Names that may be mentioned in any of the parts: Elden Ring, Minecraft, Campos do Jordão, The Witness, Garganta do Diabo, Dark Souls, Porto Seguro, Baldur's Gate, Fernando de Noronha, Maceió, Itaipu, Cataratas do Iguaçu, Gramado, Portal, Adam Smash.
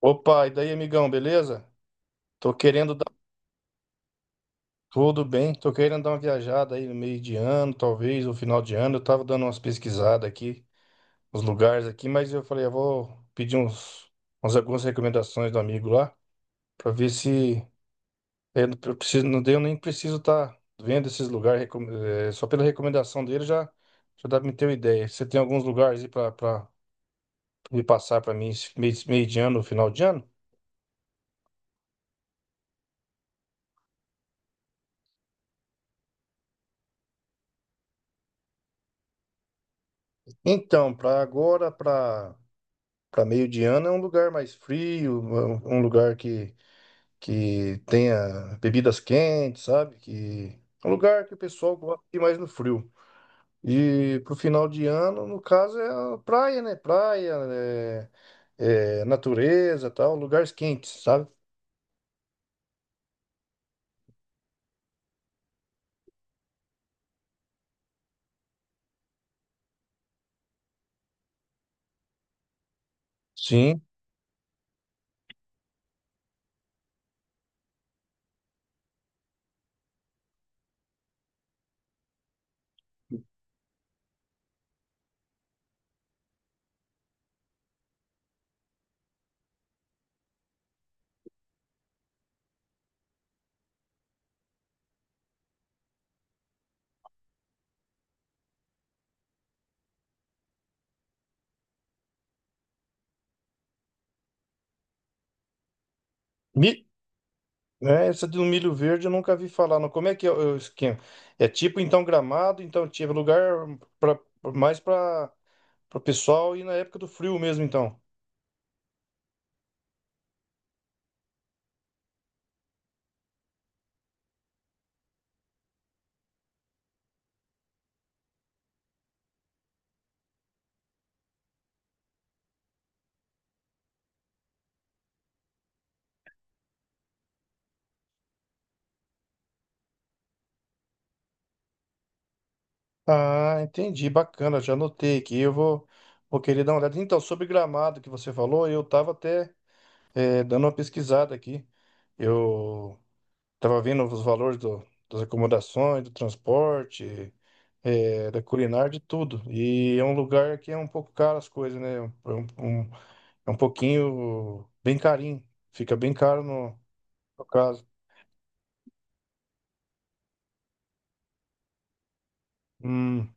Opa, e daí, amigão, beleza? Tô querendo dar Tudo bem, tô querendo dar uma viajada aí no meio de ano, talvez, no final de ano. Eu tava dando umas pesquisadas aqui, uns lugares aqui, mas eu falei, eu vou pedir algumas recomendações do amigo lá, pra ver se eu não eu preciso, não deu, nem preciso estar vendo esses lugares, só pela recomendação dele já, já dá pra me ter uma ideia. Você tem alguns lugares aí pra me passar pra mim esse meio de ano, final de ano? Então, pra agora, pra. Para meio de ano é um lugar mais frio, um lugar que tenha bebidas quentes, sabe? Que é um lugar que o pessoal gosta de ir mais no frio. E pro final de ano, no caso, é a praia, né? Praia, é natureza, tal, lugares quentes, sabe? Sim. Mi... né, essa do milho verde eu nunca vi falar. Não. Como é que é o esquema? É tipo então Gramado, então tipo lugar pra, mais para o pessoal ir na época do frio mesmo, então. Ah, entendi, bacana, já anotei aqui. Eu vou querer dar uma olhada. Então, sobre gramado que você falou, eu estava até dando uma pesquisada aqui. Eu estava vendo os valores das acomodações, do transporte, da culinária, de tudo. E é um lugar que é um pouco caro as coisas, né? É um pouquinho bem carinho, fica bem caro no caso. Hum.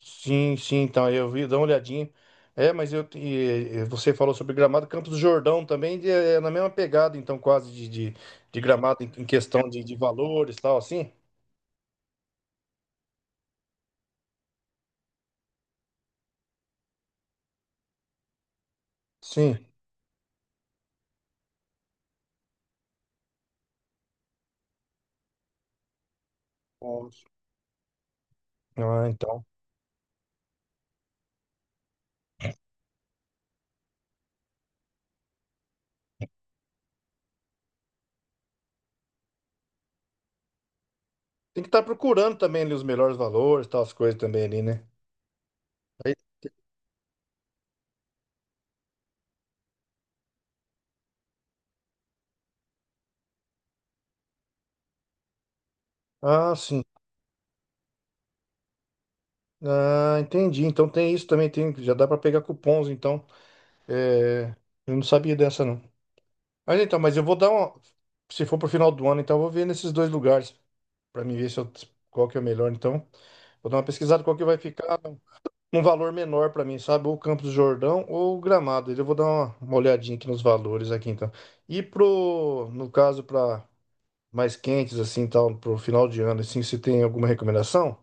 Sim, sim, então eu vi, dá uma olhadinha. É, mas eu e você falou sobre Gramado, Campos do Jordão também é na mesma pegada, então quase de Gramado em questão de valores, tal, assim? Sim. Bom. Ah, então. Tem que estar procurando também ali os melhores valores, tal, as coisas também ali, né? Aí- Ah, sim. Ah, entendi. Então tem isso também, tem, já dá para pegar cupons, então. É, eu não sabia dessa, não. Mas então, mas eu vou dar uma. Se for pro final do ano, então eu vou ver nesses dois lugares. Para mim ver se eu, qual que é o melhor. Então, vou dar uma pesquisada qual que vai ficar um valor menor para mim, sabe? Ou Campos do Jordão ou Gramado. Eu vou dar uma olhadinha aqui nos valores aqui, então. E pro, no caso, para mais quentes, assim, tal, pro final de ano, assim, se tem alguma recomendação?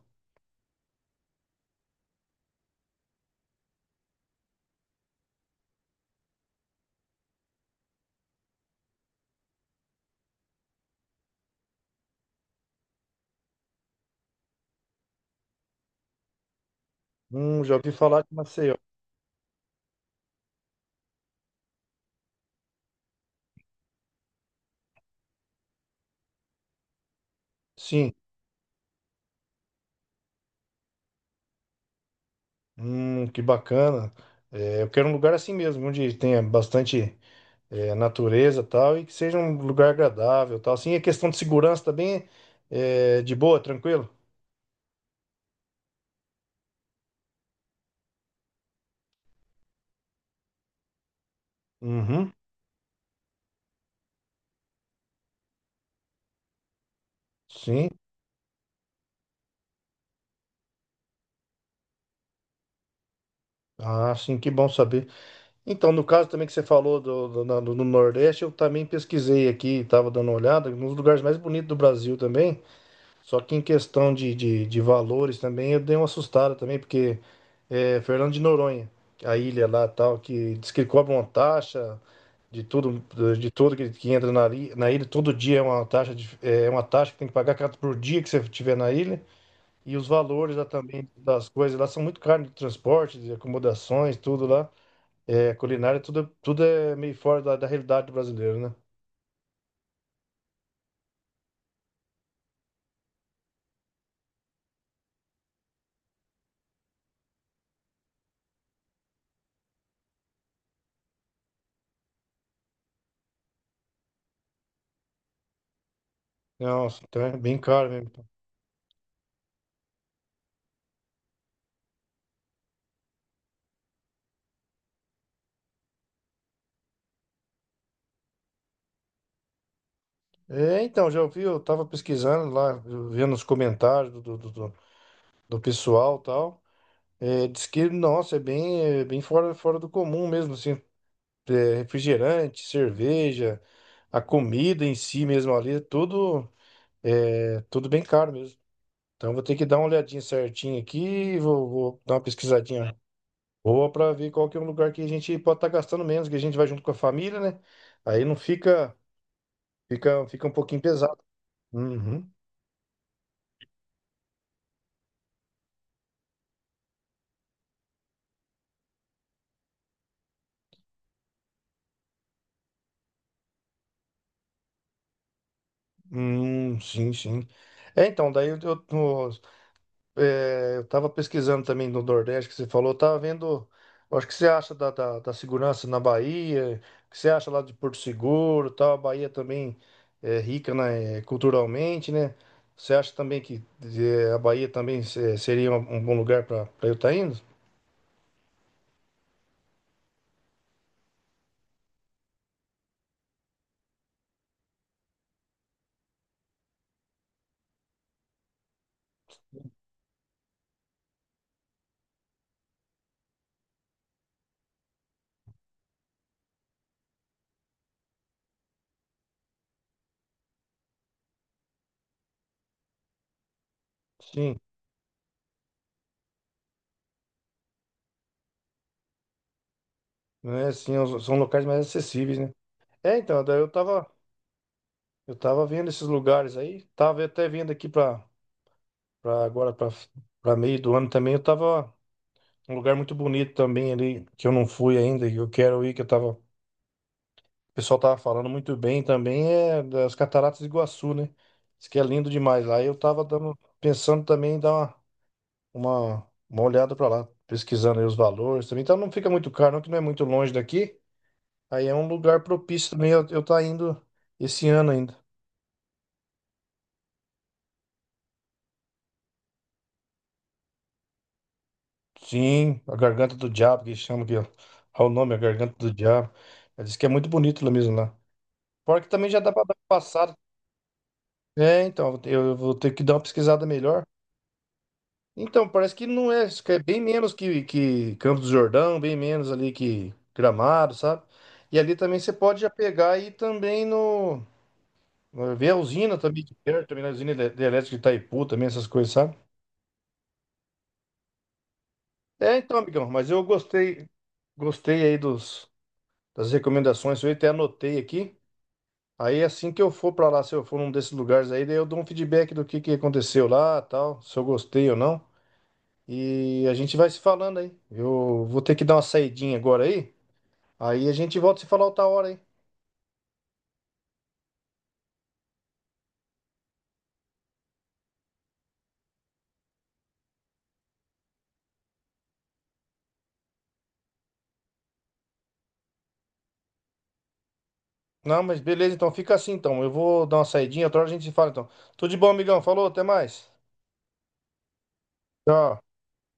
Já ouvi falar de Maceió. Sim. Que bacana. É, eu quero um lugar assim mesmo, onde tenha bastante é, natureza e tal, e que seja um lugar agradável e tal. Assim, a questão de segurança também é de boa, tranquilo? Uhum, sim. Ah, sim, que bom saber. Então, no caso também que você falou do Nordeste, eu também pesquisei aqui, estava dando uma olhada, nos lugares mais bonitos do Brasil também. Só que em questão de valores também, eu dei uma assustada também, porque é, Fernando de Noronha, a ilha lá tal, que diz que cobra uma taxa de tudo, de tudo que entra na ilha, todo dia é uma taxa, de- é uma taxa que tem que pagar por dia que você estiver na ilha. E os valores lá também das coisas lá são muito caros de transporte, de acomodações, tudo lá. É, culinária, tudo, tudo é meio fora da realidade brasileira, né? Nossa, então é bem caro mesmo. É, então, já ouvi, eu tava pesquisando lá, vendo os comentários do pessoal e tal. É, diz que, nossa, é bem fora, fora do comum mesmo, assim. É, refrigerante, cerveja, a comida em si mesmo ali, é, tudo bem caro mesmo. Então, eu vou ter que dar uma olhadinha certinho aqui, vou dar uma pesquisadinha boa para ver qual que é um lugar que a gente pode estar gastando menos, que a gente vai junto com a família, né? Aí não fica um pouquinho pesado. Uhum. Sim, sim. É, então, daí é, eu estava pesquisando também no Nordeste que você falou, eu tava vendo, eu acho que você acha da segurança na Bahia, o que você acha lá de Porto Seguro, tal, a Bahia também é rica, né, culturalmente, né? Você acha também que eh, a Bahia também seria um bom lugar para eu estar indo? Sim, né? Sim, os- são locais mais acessíveis, né? É, então, daí eu tava vendo esses lugares aí, tava até vendo aqui para agora para meio do ano também, eu tava um lugar muito bonito também ali, que eu não fui ainda, que eu quero ir, que eu tava, o pessoal tava falando muito bem também, é das Cataratas do Iguaçu, né? Diz que é lindo demais lá. E eu tava dando, pensando também em dar uma olhada pra lá, pesquisando aí os valores também. Então não fica muito caro, não, que não é muito longe daqui. Aí é um lugar propício também, eu tá indo esse ano ainda. Sim, a Garganta do Diabo, que chama aqui, ó. Olha o nome, a Garganta do Diabo. Ela diz que é muito bonito lá mesmo lá. Fora que também já dá pra dar uma passada. É, então, eu vou ter que dar uma pesquisada melhor. Então, parece que não é, isso que é bem menos que Campos do Jordão, bem menos ali que Gramado, sabe? E ali também você pode já pegar e também ver a usina também de perto, também na usina de elétrica de Itaipu, também essas coisas, sabe? É, então, amigão, mas eu gostei, gostei aí das recomendações, eu até anotei aqui. Aí assim que eu for pra lá, se eu for num desses lugares aí, daí eu dou um feedback do que aconteceu lá, tal, se eu gostei ou não. E a gente vai se falando aí. Eu vou ter que dar uma saidinha agora aí. Aí a gente volta a se falar outra hora aí. Não, mas beleza, então fica assim então. Eu vou dar uma saidinha, outra hora a gente se fala então. Tudo de bom, amigão. Falou, até mais. Tchau.